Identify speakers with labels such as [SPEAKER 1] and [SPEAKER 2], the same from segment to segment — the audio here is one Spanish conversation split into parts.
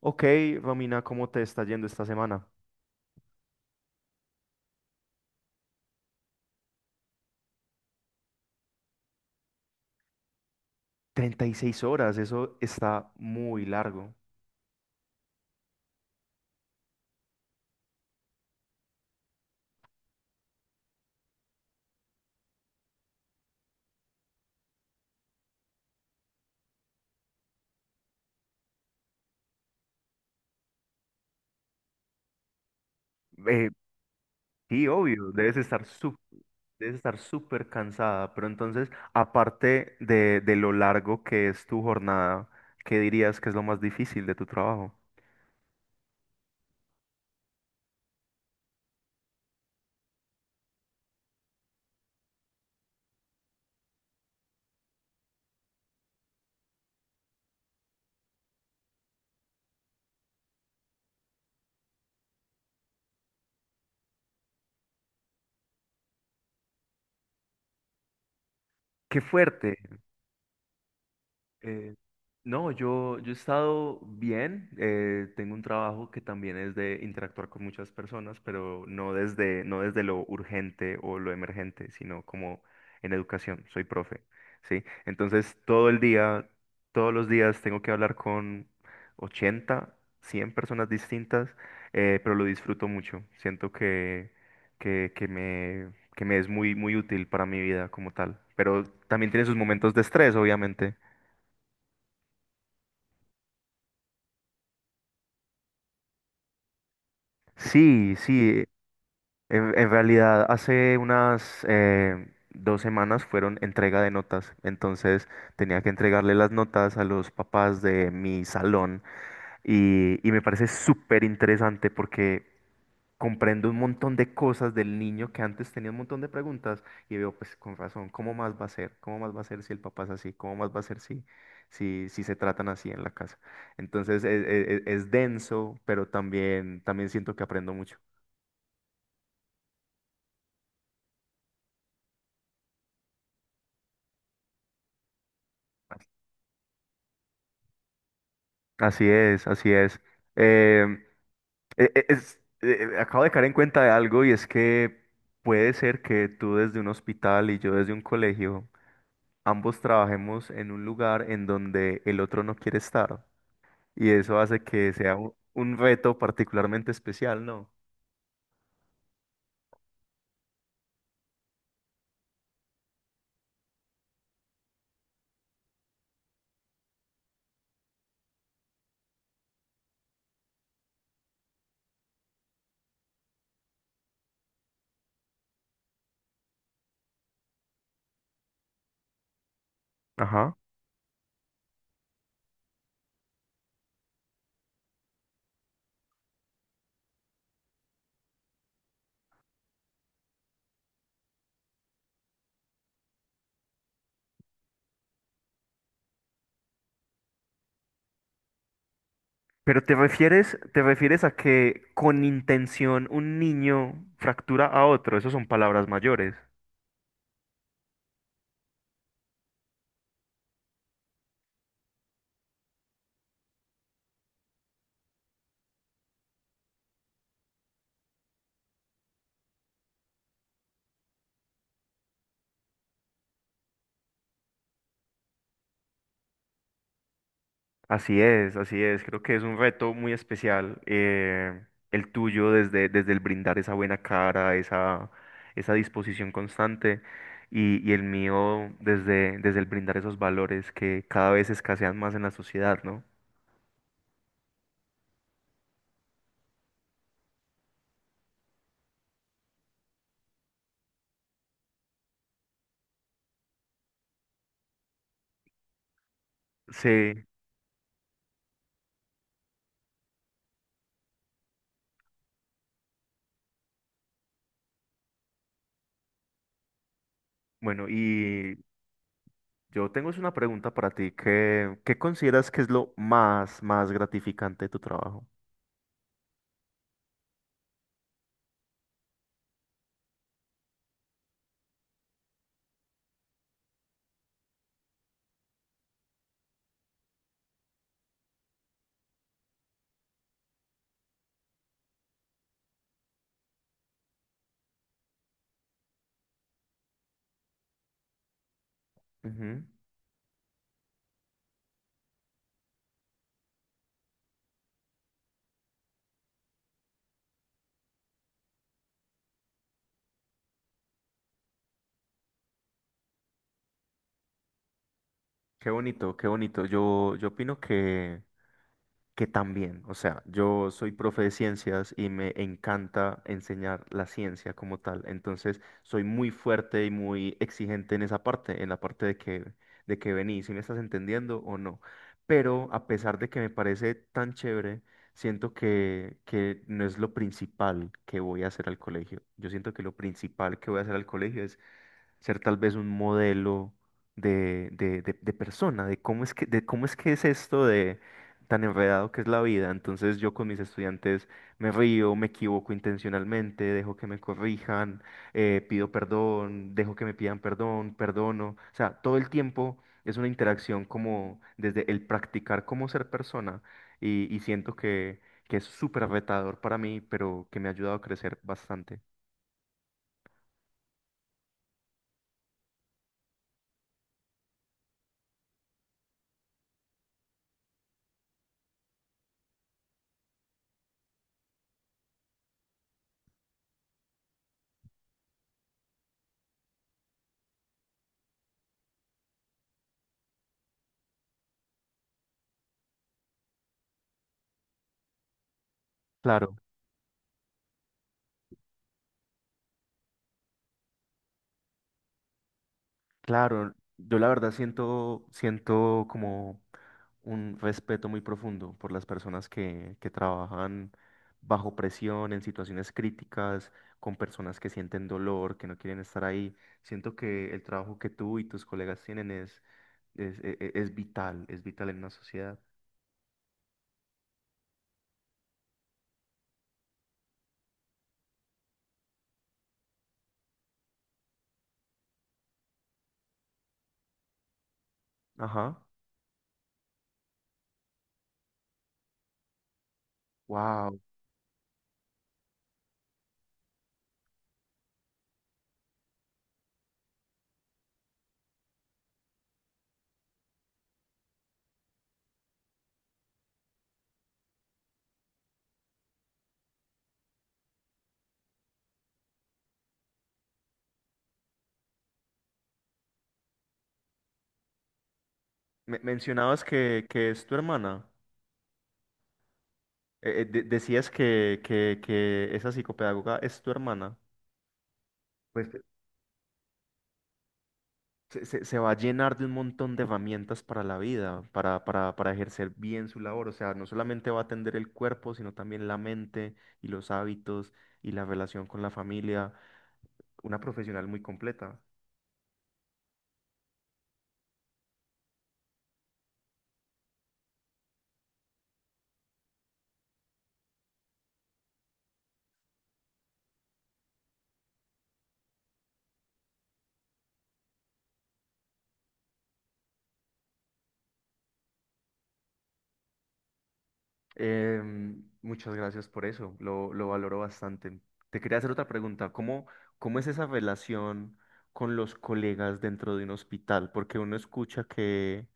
[SPEAKER 1] Ok, Romina, ¿cómo te está yendo esta semana? 36 horas, eso está muy largo. Eh, sí, obvio, debes estar súper cansada, pero entonces, aparte de lo largo que es tu jornada, ¿qué dirías que es lo más difícil de tu trabajo? ¡Qué fuerte! Eh, no, yo, Yo he estado bien. Tengo un trabajo que también es de interactuar con muchas personas, pero no desde lo urgente o lo emergente, sino como en educación. Soy profe, ¿sí? Entonces, todo el día, todos los días tengo que hablar con 80, 100 personas distintas, pero lo disfruto mucho. Siento que que me es muy útil para mi vida como tal. Pero también tiene sus momentos de estrés, obviamente. Sí, en realidad hace unas 2 semanas fueron entrega de notas, entonces tenía que entregarle las notas a los papás de mi salón y me parece súper interesante porque comprendo un montón de cosas del niño que antes tenía un montón de preguntas y veo pues con razón, ¿cómo más va a ser? ¿Cómo más va a ser si el papá es así? ¿Cómo más va a ser si se tratan así en la casa? Entonces es denso, pero también, también siento que aprendo mucho. Así es, así es. Em, Acabo de caer en cuenta de algo y es que puede ser que tú desde un hospital y yo desde un colegio, ambos trabajemos en un lugar en donde el otro no quiere estar. Y eso hace que sea un reto particularmente especial, ¿no? Ajá. Pero te refieres a que con intención un niño fractura a otro, esas son palabras mayores. Así es, así es. Creo que es un reto muy especial el tuyo desde el brindar esa buena cara, esa disposición constante y el mío desde el brindar esos valores que cada vez escasean más en la sociedad, ¿no? Sí, bueno, y yo tengo es una pregunta para ti. Qué consideras que es más gratificante de tu trabajo? Ujú. Qué bonito, qué bonito. Yo opino que también, o sea, yo soy profe de ciencias y me encanta enseñar la ciencia como tal, entonces soy muy fuerte y muy exigente en esa parte, en la parte de que vení, si me estás entendiendo o no. Pero a pesar de que me parece tan chévere, siento que no es lo principal que voy a hacer al colegio. Yo siento que lo principal que voy a hacer al colegio es ser tal vez un modelo de persona, de cómo es que es esto de tan enredado que es la vida. Entonces yo con mis estudiantes me río, me equivoco intencionalmente, dejo que me corrijan, pido perdón, dejo que me pidan perdón, perdono. O sea, todo el tiempo es una interacción como desde el practicar cómo ser persona y siento que es súper retador para mí, pero que me ha ayudado a crecer bastante. Claro. Claro, yo la verdad siento, siento como un respeto muy profundo por las personas que trabajan bajo presión, en situaciones críticas, con personas que sienten dolor, que no quieren estar ahí. Siento que el trabajo que tú y tus colegas tienen es vital en una sociedad. Ajá. Wow. Mencionabas que es tu hermana. Decías que esa psicopedagoga es tu hermana. Pues. Se va a llenar de un montón de herramientas para la vida, para ejercer bien su labor. O sea, no solamente va a atender el cuerpo, sino también la mente y los hábitos y la relación con la familia. Una profesional muy completa. Muchas gracias por eso, lo valoro bastante. Te quería hacer otra pregunta. Cómo es esa relación con los colegas dentro de un hospital? Porque uno escucha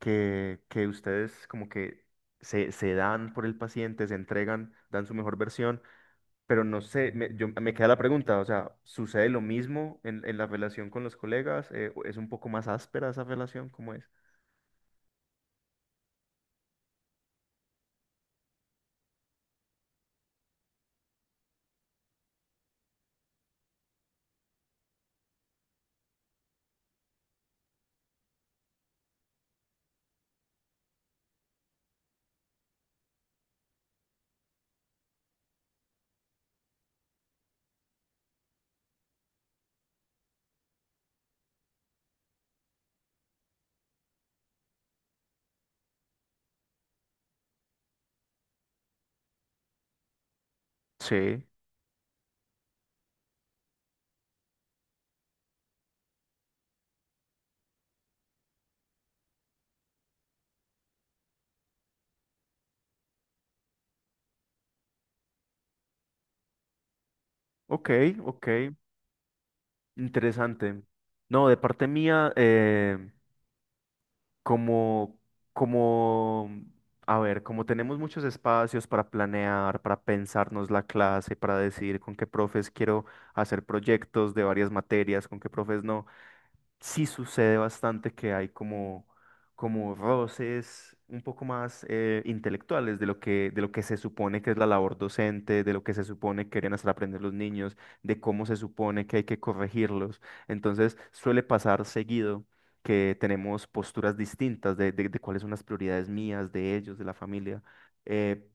[SPEAKER 1] que ustedes como que se dan por el paciente, se entregan, dan su mejor versión, pero no sé, me queda la pregunta, o sea, ¿sucede lo mismo en la relación con los colegas? ¿Es un poco más áspera esa relación? ¿Cómo es? Sí, ok, ok, interesante. No, de parte mía, como, como, a ver, como tenemos muchos espacios para planear, para pensarnos la clase, para decidir con qué profes quiero hacer proyectos de varias materias, con qué profes no sí sucede bastante que hay como, como roces un poco más intelectuales de lo que se supone que es la labor docente, de lo que se supone que deberían hacer aprender los niños, de cómo se supone que hay que corregirlos. Entonces suele pasar seguido que tenemos posturas distintas de cuáles son las prioridades mías, de ellos, de la familia. Eh,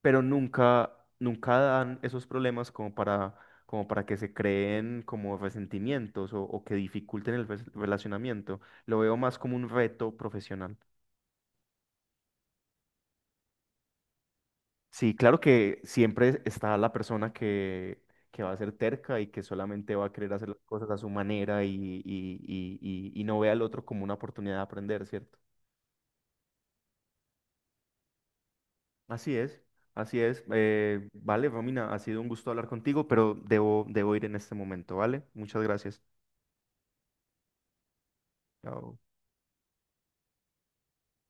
[SPEAKER 1] pero nunca, nunca dan esos problemas como para, como para que se creen como resentimientos o que dificulten el relacionamiento. Lo veo más como un reto profesional. Sí, claro que siempre está la persona que va a ser terca y que solamente va a querer hacer las cosas a su manera y, y, y no ve al otro como una oportunidad de aprender, ¿cierto? Así es, así es. Vale, Romina, ha sido un gusto hablar contigo, pero debo ir en este momento, ¿vale? Muchas gracias. Chao.